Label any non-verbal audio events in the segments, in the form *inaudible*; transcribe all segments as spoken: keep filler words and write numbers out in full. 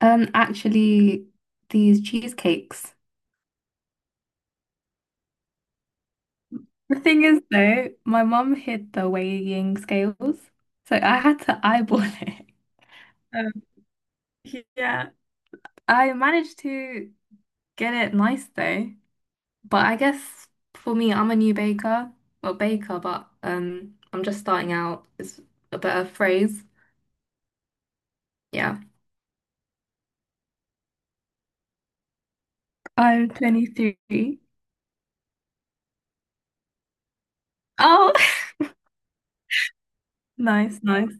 Um, actually, these cheesecakes. The thing is, though, my mum hid the weighing scales, so I had to eyeball *laughs* it. Um, yeah. I managed to get it nice though, but I guess for me, I'm a new baker, well, baker, but um, I'm just starting out is a better phrase. Yeah, I'm twenty-three. Oh, *laughs* nice, nice.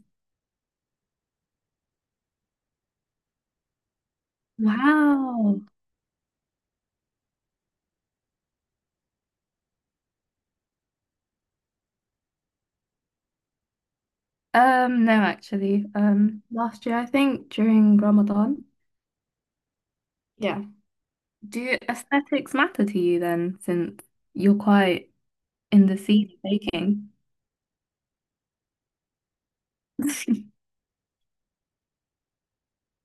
Wow. Um, no, actually. Um, last year, I think, during Ramadan. Yeah. Do aesthetics matter to you then, since you're quite in the scene of baking? *laughs*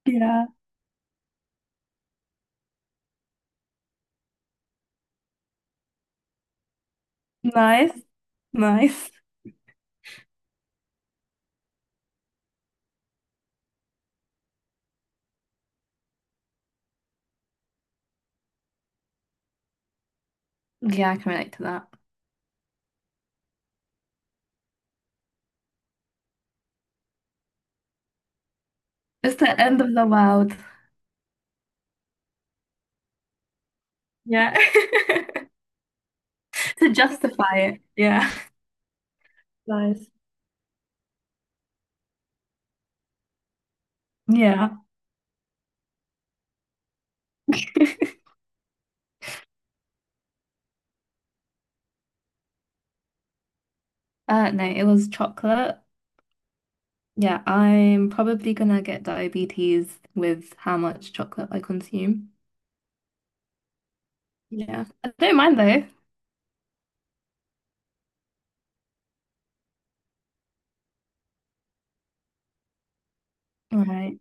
Yeah. Nice. Nice. *laughs* Yeah, I can relate to that. It's the end of the world. Yeah. *laughs* To justify it. Yeah. Nice. Yeah. *laughs* Uh, no, it was chocolate. Yeah, I'm probably gonna get diabetes with how much chocolate I consume. Yeah. I don't mind though. Right.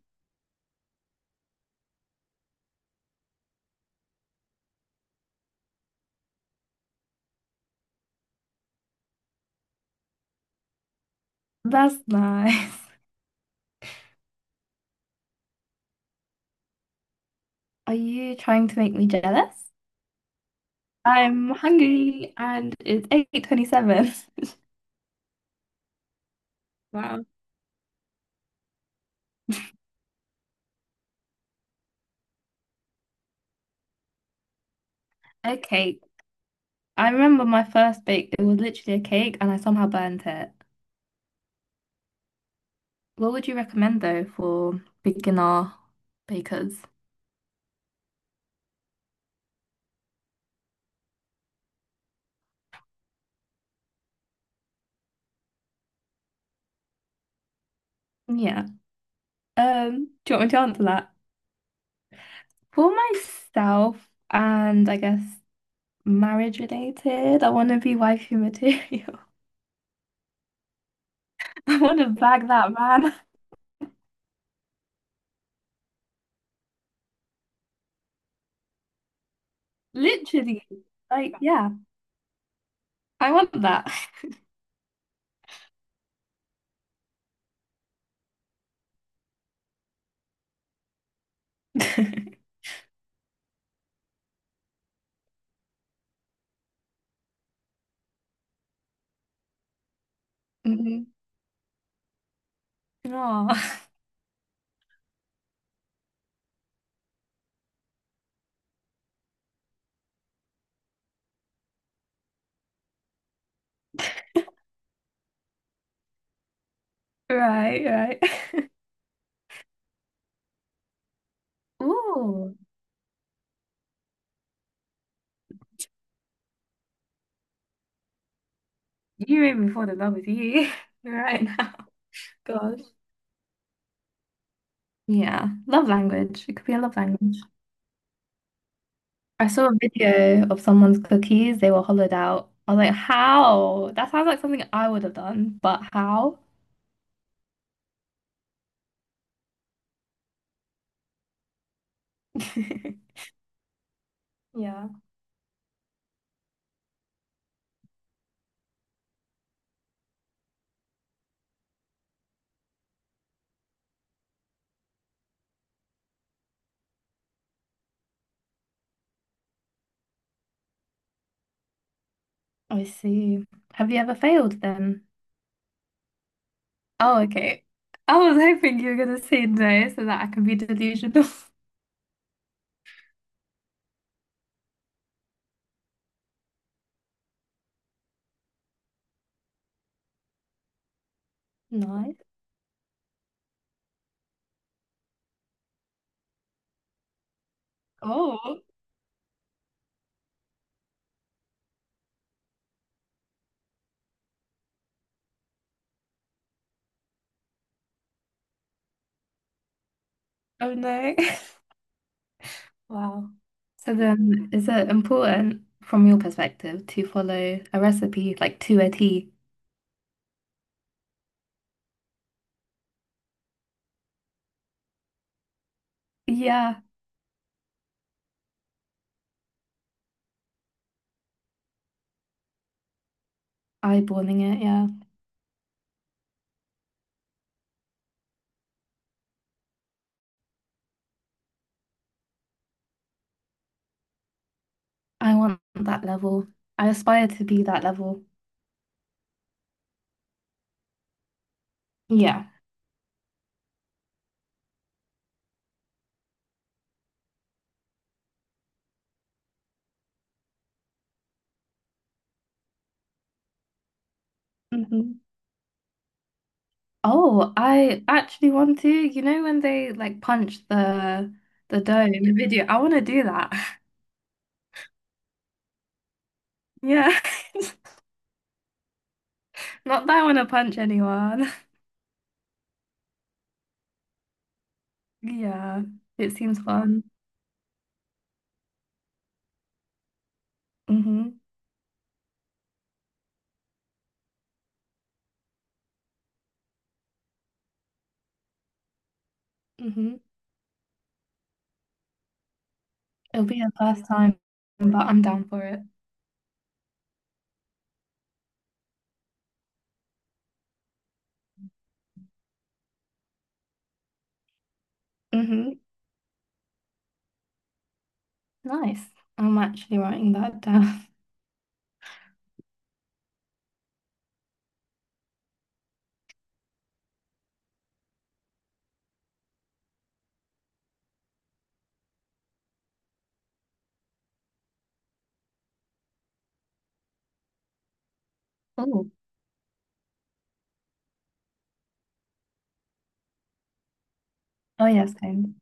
That's nice. *laughs* Are you trying to make me jealous? I'm hungry and it's eight twenty-seven. *laughs* Wow. A cake. I remember my first bake, it was literally a cake and I somehow burnt it. What would you recommend though for beginner bakers? Yeah. Um, do you want me to answer that? For myself and I guess marriage related, I want to be wifey material. *laughs* I want to bag that man. Literally, like, yeah, I want that. *laughs* Hmm. Oh, *laughs* right, right. *laughs* Ooh, you made me fall in love with you *laughs* right now. Gosh. Yeah, love language. It could be a love language. I saw a video of someone's cookies. They were hollowed out. I was like, how? That sounds like something I would have done, but how? *laughs* Yeah, I see. Have you ever failed then? Oh, okay. I was hoping you were gonna say no so that I can be delusional. *laughs* Nice. Oh, oh no. *laughs* Wow. So then, is it important from your perspective to follow a recipe like to a T? Yeah, eyeballing it. Yeah, I want that level. I aspire to be that level. Yeah. Hmm. Oh, I actually want to. You know when they like punch the the dough in the video? I want to do that. *laughs* Yeah. *laughs* Not that I want to punch anyone. *laughs* Yeah, it seems fun. Hmm. Hmm. It'll be the first time, but I'm down for it. Hmm. Nice. I'm actually writing that down. *laughs* Oh, oh yes, kind.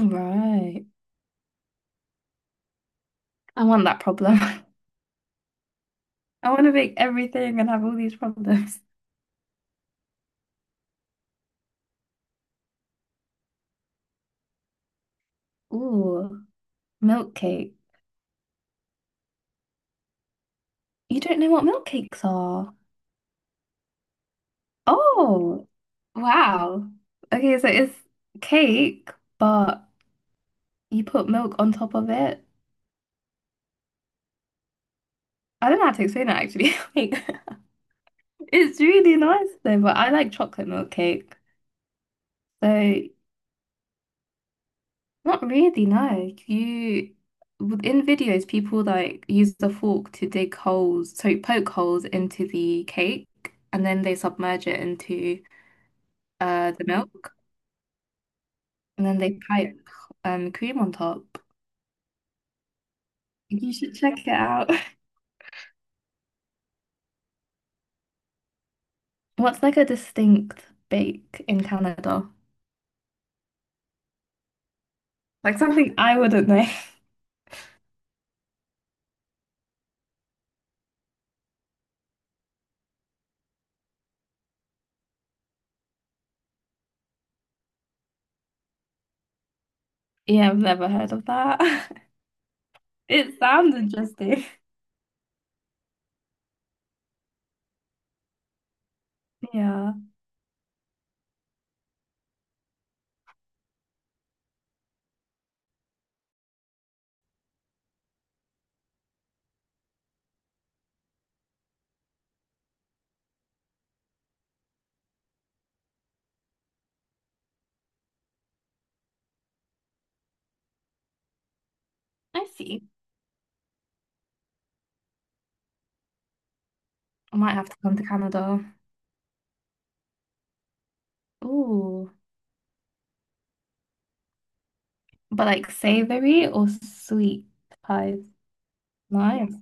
Right. I want that problem. *laughs* I want to make everything and have all these problems. Ooh, milk cake. You don't know what milk cakes are. Oh, wow. Okay, so it's cake, but you put milk on top of it. I don't know how to explain it actually. *laughs* Like, it's really nice though, but I like chocolate milk cake. So not really, no. You within videos, people like use the fork to dig holes, so poke holes into the cake, and then they submerge it into uh the milk, and then they pipe um cream on top. You should check it out. *laughs* What's like a distinct bake in Canada? Like something I wouldn't know. *laughs* Yeah, I've never heard of that. *laughs* It sounds interesting. Yeah, I see. I might have to come to Canada. Ooh, but like savory or sweet pies. Nice.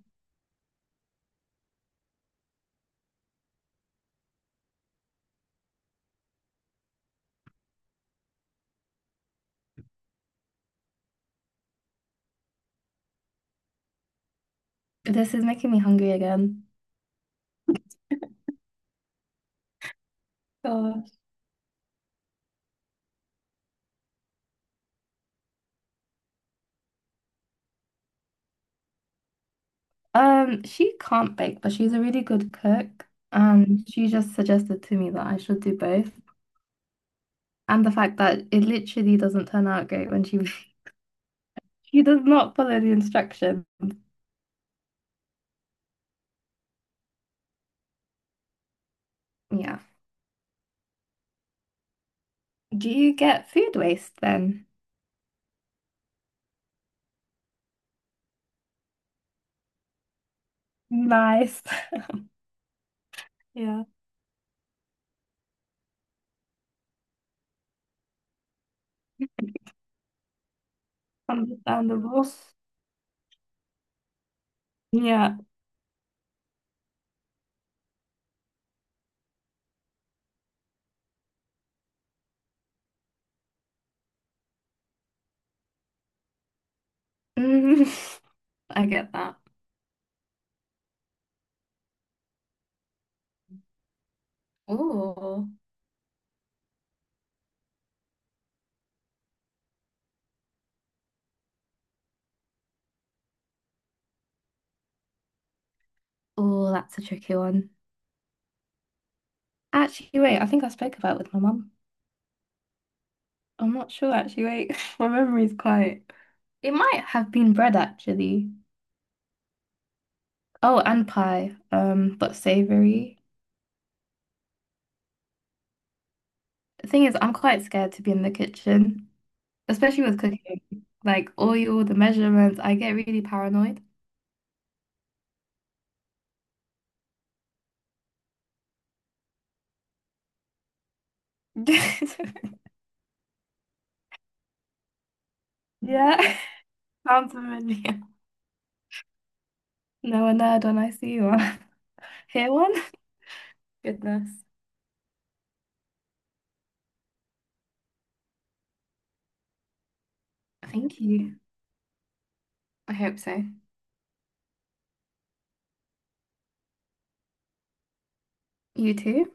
This is making me hungry again. Gosh. Um, she can't bake, but she's a really good cook, and she just suggested to me that I should do both. And the fact that it literally doesn't turn out great when she *laughs* she does not follow the instructions. Yeah. Do you get food waste then? Nice. *laughs* Yeah, understandable. Yeah. Mhm. *laughs* I get that. Oh, oh, that's a tricky one. Actually, wait, I think I spoke about it with my mum. I'm not sure, actually, wait. *laughs* My memory's quite. It might have been bread, actually. Oh, and pie, um, but savory. The thing is, I'm quite scared to be in the kitchen, especially with cooking. Like oil, the measurements, I get really paranoid. *laughs* Yeah, *laughs* sounds familiar. No, a nerd when I see one. *laughs* Hear one? Goodness. Thank you. I hope so. You too.